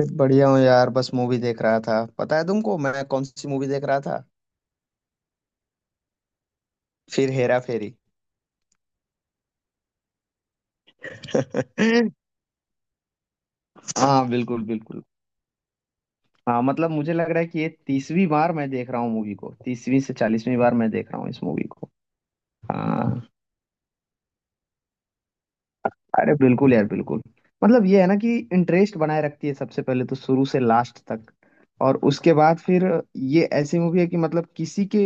फिर बढ़िया हूँ यार। बस मूवी देख रहा था। पता है तुमको, मैं कौन सी मूवी देख रहा था? फिर हेरा फेरी। हाँ बिल्कुल बिल्कुल। हाँ, मतलब मुझे लग रहा है कि ये 30वीं बार मैं देख रहा हूँ मूवी को, 30वीं से 40वीं बार मैं देख रहा हूँ इस मूवी को। हाँ। अरे बिल्कुल यार, बिल्कुल। मतलब ये है ना कि इंटरेस्ट बनाए रखती है सबसे पहले तो, शुरू से लास्ट तक। और उसके बाद फिर ये ऐसी मूवी है कि मतलब किसी के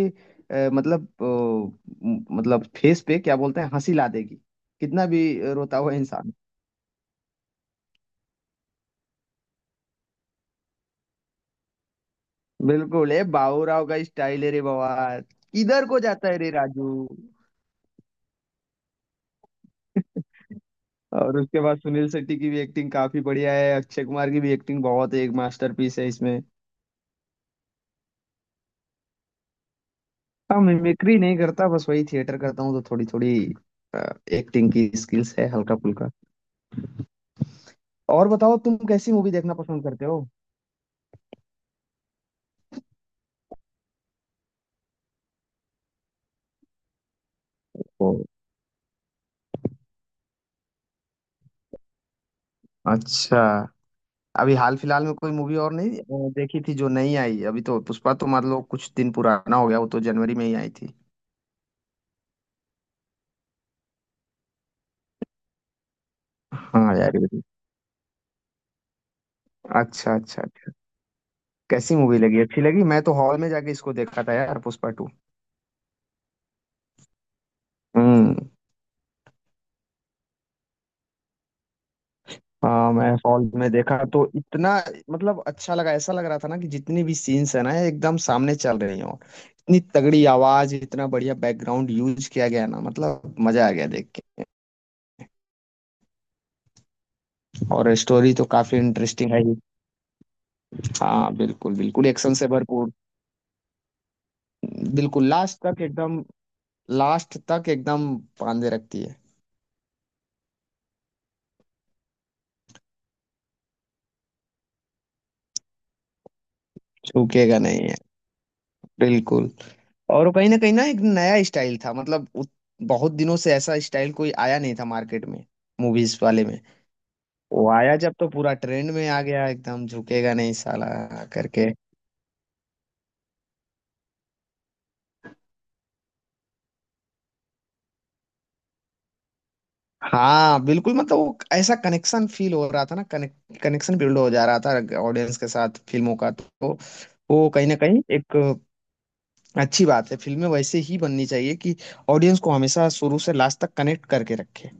मतलब मतलब फेस पे, क्या बोलते हैं, हंसी ला देगी कितना भी रोता हुआ इंसान। बिल्कुल। ए बाबूराव का स्टाइल है रे, बवाल किधर को जाता है रे राजू। और उसके बाद सुनील शेट्टी की भी एक्टिंग काफी बढ़िया है, अक्षय कुमार की भी एक्टिंग बहुत, एक मास्टरपीस है इसमें। हाँ, मिमिक्री नहीं करता, बस वही थिएटर करता हूँ तो थोड़ी थोड़ी एक्टिंग की स्किल्स है, हल्का फुल्का। और बताओ, तुम कैसी मूवी देखना पसंद करते हो? ओ, अच्छा। अभी हाल फिलहाल में कोई मूवी और नहीं देखी थी जो नहीं आई अभी तो। पुष्पा तो मान लो कुछ दिन पुराना हो गया, वो तो जनवरी में ही आई थी। हाँ यार, अच्छा अच्छा। कैसी मूवी लगी? अच्छी लगी? मैं तो हॉल में जाके इसको देखा था यार, पुष्पा टू। हम्म। हाँ, मैं हॉल में देखा तो इतना मतलब अच्छा लगा। ऐसा लग रहा था ना कि जितनी भी सीन्स है ना ये एकदम सामने चल रही हो, इतनी तगड़ी आवाज, इतना बढ़िया बैकग्राउंड यूज किया गया ना। मतलब मजा आ गया देख के। और स्टोरी तो काफी इंटरेस्टिंग है ही। हाँ बिल्कुल बिल्कुल, एक्शन से भरपूर। बिल्कुल लास्ट तक एकदम। लास्ट तक एकदम बांधे रखती है। छूकेगा नहीं है। बिल्कुल। और वो कहीं ना एक नया स्टाइल था, मतलब बहुत दिनों से ऐसा स्टाइल कोई आया नहीं था मार्केट में, मूवीज वाले में। वो आया जब तो पूरा ट्रेंड में आ गया एकदम, झुकेगा नहीं साला करके। हाँ बिल्कुल, मतलब वो ऐसा कनेक्शन फील हो रहा था ना, कनेक्ट कनेक्शन बिल्ड हो जा रहा था ऑडियंस के साथ फिल्मों का तो। वो कहीं ना कहीं एक अच्छी बात है, फिल्में वैसे ही बननी चाहिए कि ऑडियंस को हमेशा शुरू से लास्ट तक कनेक्ट करके रखे।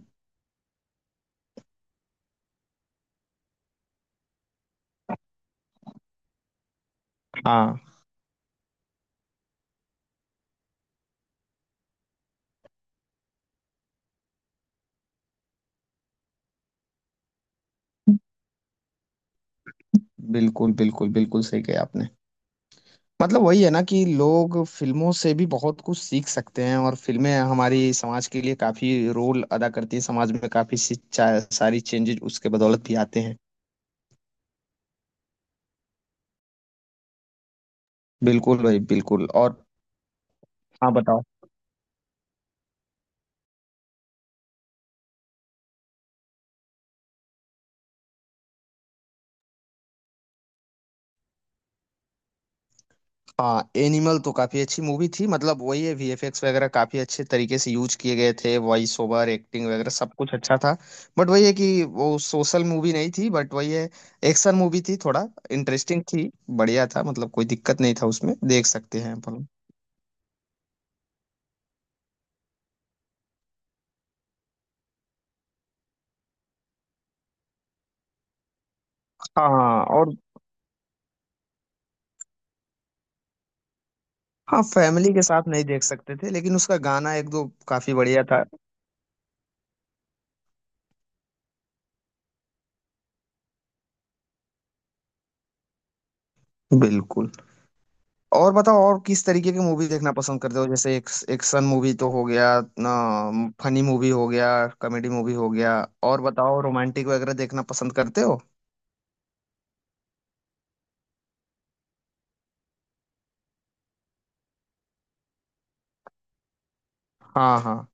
हाँ बिल्कुल बिल्कुल, बिल्कुल सही कहा आपने। मतलब वही है ना कि लोग फिल्मों से भी बहुत कुछ सीख सकते हैं, और फिल्में हमारी समाज के लिए काफी रोल अदा करती हैं, समाज में काफी सारी चेंजेज उसके बदौलत भी आते हैं। बिल्कुल भाई, बिल्कुल। और हाँ बताओ। हाँ, एनिमल तो काफी अच्छी मूवी थी, मतलब वही है वीएफएक्स वगैरह काफी अच्छे तरीके से यूज किए गए थे, वॉइस ओवर एक्टिंग वगैरह सब कुछ अच्छा था। बट वही है कि वो सोशल मूवी नहीं थी। बट वही है, एक्शन मूवी थी, थोड़ा इंटरेस्टिंग थी। बढ़िया था, मतलब कोई दिक्कत नहीं था उसमें, देख सकते हैं अपन। हाँ। और हाँ, फैमिली के साथ नहीं देख सकते थे, लेकिन उसका गाना एक दो काफी बढ़िया था। बिल्कुल। और बताओ, और किस तरीके की मूवी देखना पसंद करते हो? जैसे एक एक्शन मूवी तो हो गया ना, फनी मूवी हो गया, कॉमेडी मूवी हो गया, और बताओ रोमांटिक वगैरह देखना पसंद करते हो? हाँ हाँ।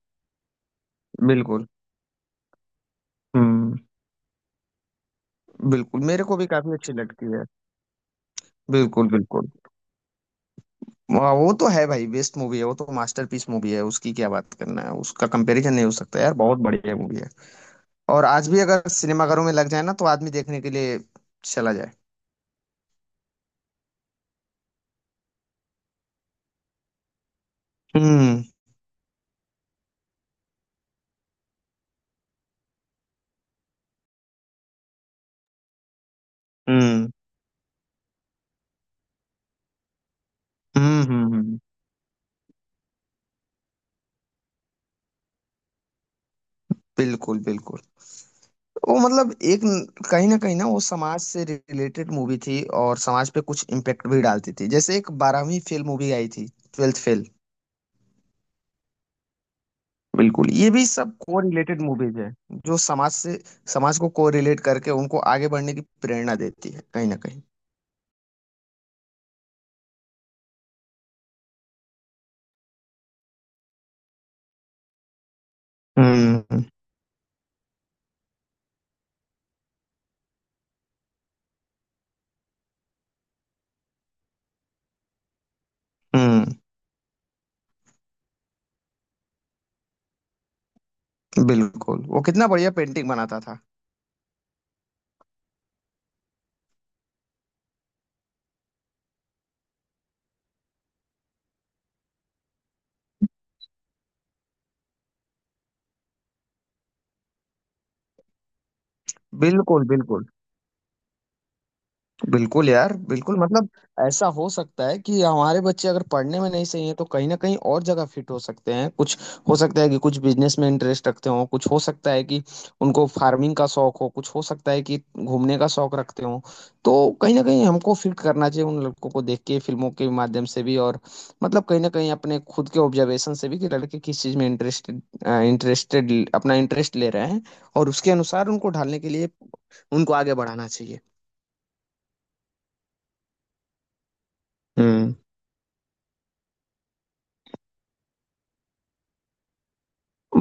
बिल्कुल। हम्म। बिल्कुल, मेरे को भी काफी अच्छी लगती है। बिल्कुल बिल्कुल। वाह, वो तो है भाई। बेस्ट मूवी है वो तो, मास्टरपीस मूवी है। उसकी क्या बात करना है, उसका कंपैरिजन नहीं हो सकता यार, बहुत बढ़िया मूवी है। और आज भी अगर सिनेमाघरों में लग जाए ना तो आदमी देखने के लिए चला जाए। हम्म, हम्म, हम्म, हम्म, हम्म। बिल्कुल बिल्कुल। वो मतलब एक न- कहीं ना वो समाज से रिलेटेड मूवी थी और समाज पे कुछ इम्पेक्ट भी डालती थी, जैसे एक बारहवीं फेल मूवी आई थी, ट्वेल्थ फेल। बिल्कुल, ये भी सब को रिलेटेड मूवीज है, जो समाज से, समाज को रिलेट करके उनको आगे बढ़ने की प्रेरणा देती है कहीं ना कहीं। हम्म, हम्म। बिल्कुल, वो कितना बढ़िया पेंटिंग बनाता था। बिल्कुल बिल्कुल बिल्कुल यार बिल्कुल, मतलब ऐसा हो सकता है कि हमारे बच्चे अगर पढ़ने में नहीं सही हैं तो कहीं ना कहीं और जगह फिट हो सकते हैं कुछ। हो सकता है कि कुछ बिजनेस में इंटरेस्ट रखते हों, कुछ हो सकता है कि उनको फार्मिंग का शौक हो, कुछ हो सकता है कि घूमने का शौक रखते हों, तो कहीं ना कहीं हमको फिट करना चाहिए उन लड़कों को, देख के फिल्मों के माध्यम से भी, और मतलब कहीं ना कहीं अपने खुद के ऑब्जर्वेशन से भी कि लड़के किस चीज़ में इंटरेस्टेड इंटरेस्टेड, अपना इंटरेस्ट ले रहे हैं, और उसके अनुसार उनको ढालने के लिए उनको आगे बढ़ाना चाहिए। हम्म।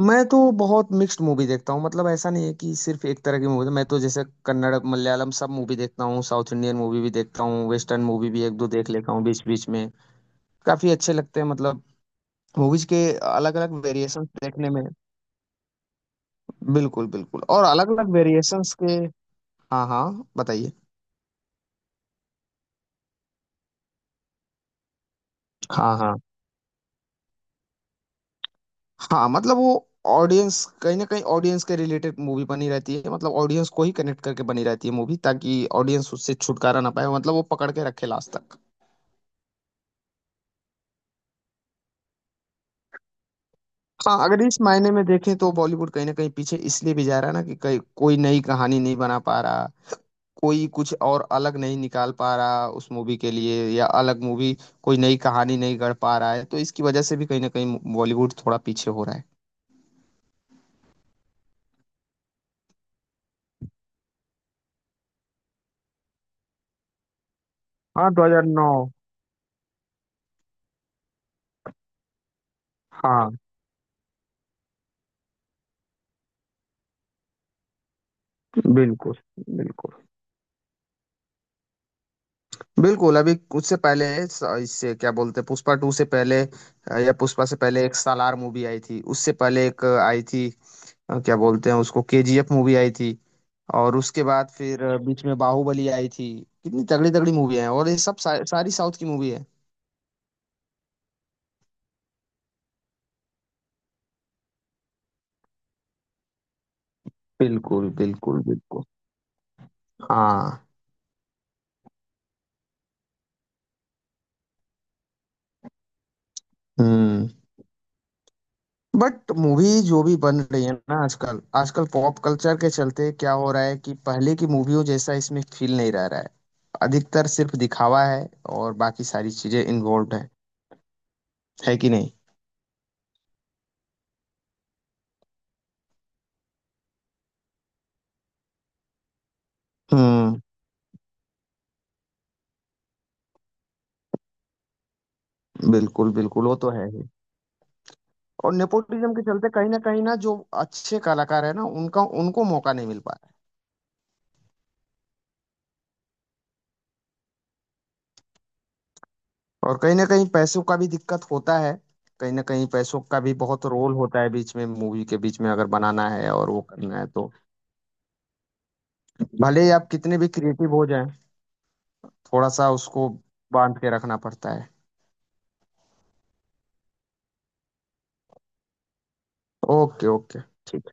मैं तो बहुत मिक्स्ड मूवी देखता हूँ, मतलब ऐसा नहीं है कि सिर्फ एक तरह की मूवी। मैं तो जैसे कन्नड़ मलयालम सब मूवी देखता हूँ, साउथ इंडियन मूवी भी देखता हूँ, वेस्टर्न मूवी भी एक दो देख लेता हूँ बीच बीच में, काफी अच्छे लगते हैं मतलब मूवीज के अलग अलग वेरिएशन देखने में। बिल्कुल बिल्कुल, और अलग अलग वेरिएशंस के। हाँ हाँ, बताइए। हाँ हाँ हाँ, मतलब वो ऑडियंस कहीं ना कहीं, ऑडियंस के रिलेटेड मूवी बनी रहती है, मतलब ऑडियंस को ही कनेक्ट करके बनी रहती है मूवी ताकि ऑडियंस उससे छुटकारा ना पाए, मतलब वो पकड़ के रखे लास्ट तक। हाँ, अगर इस मायने में देखें तो बॉलीवुड कहीं ना कहीं पीछे इसलिए भी जा रहा है ना, कि कहीं कोई नई कहानी नहीं बना पा रहा, कोई कुछ और अलग नहीं निकाल पा रहा उस मूवी के लिए, या अलग मूवी कोई नई कहानी नहीं गढ़ पा रहा है, तो इसकी वजह से भी कहीं ना कहीं बॉलीवुड थोड़ा पीछे हो रहा है। हाँ, 2009। हाँ बिल्कुल बिल्कुल बिल्कुल। अभी उससे पहले इससे क्या बोलते हैं, पुष्पा टू से पहले या पुष्पा से पहले एक सालार मूवी आई थी, उससे पहले एक आई थी, क्या बोलते हैं उसको, केजीएफ मूवी आई थी। और उसके बाद फिर बीच में बाहुबली आई थी, कितनी तगड़ी तगड़ी मूवी है, और ये सब सारी साउथ की मूवी है। बिल्कुल बिल्कुल बिल्कुल। हाँ। हम्म। बट मूवी जो भी बन रही है ना आजकल, आजकल पॉप कल्चर के चलते क्या हो रहा है कि पहले की मूवियों जैसा इसमें फील नहीं रह रहा है, अधिकतर सिर्फ दिखावा है, और बाकी सारी चीजें इन्वॉल्व है कि नहीं। हम्म। बिल्कुल बिल्कुल, वो तो है ही। और नेपोटिज्म के चलते कहीं ना जो अच्छे कलाकार है ना, उनका उनको मौका नहीं मिल पा। और कहीं ना कहीं पैसों का भी दिक्कत होता है, कहीं ना कहीं पैसों का भी बहुत रोल होता है, बीच में मूवी के बीच में अगर बनाना है और वो करना है तो। भले ही आप कितने भी क्रिएटिव हो जाएं, थोड़ा सा उसको बांध के रखना पड़ता है। Okay okay. ठीक।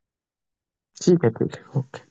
ठीक है ठीक है।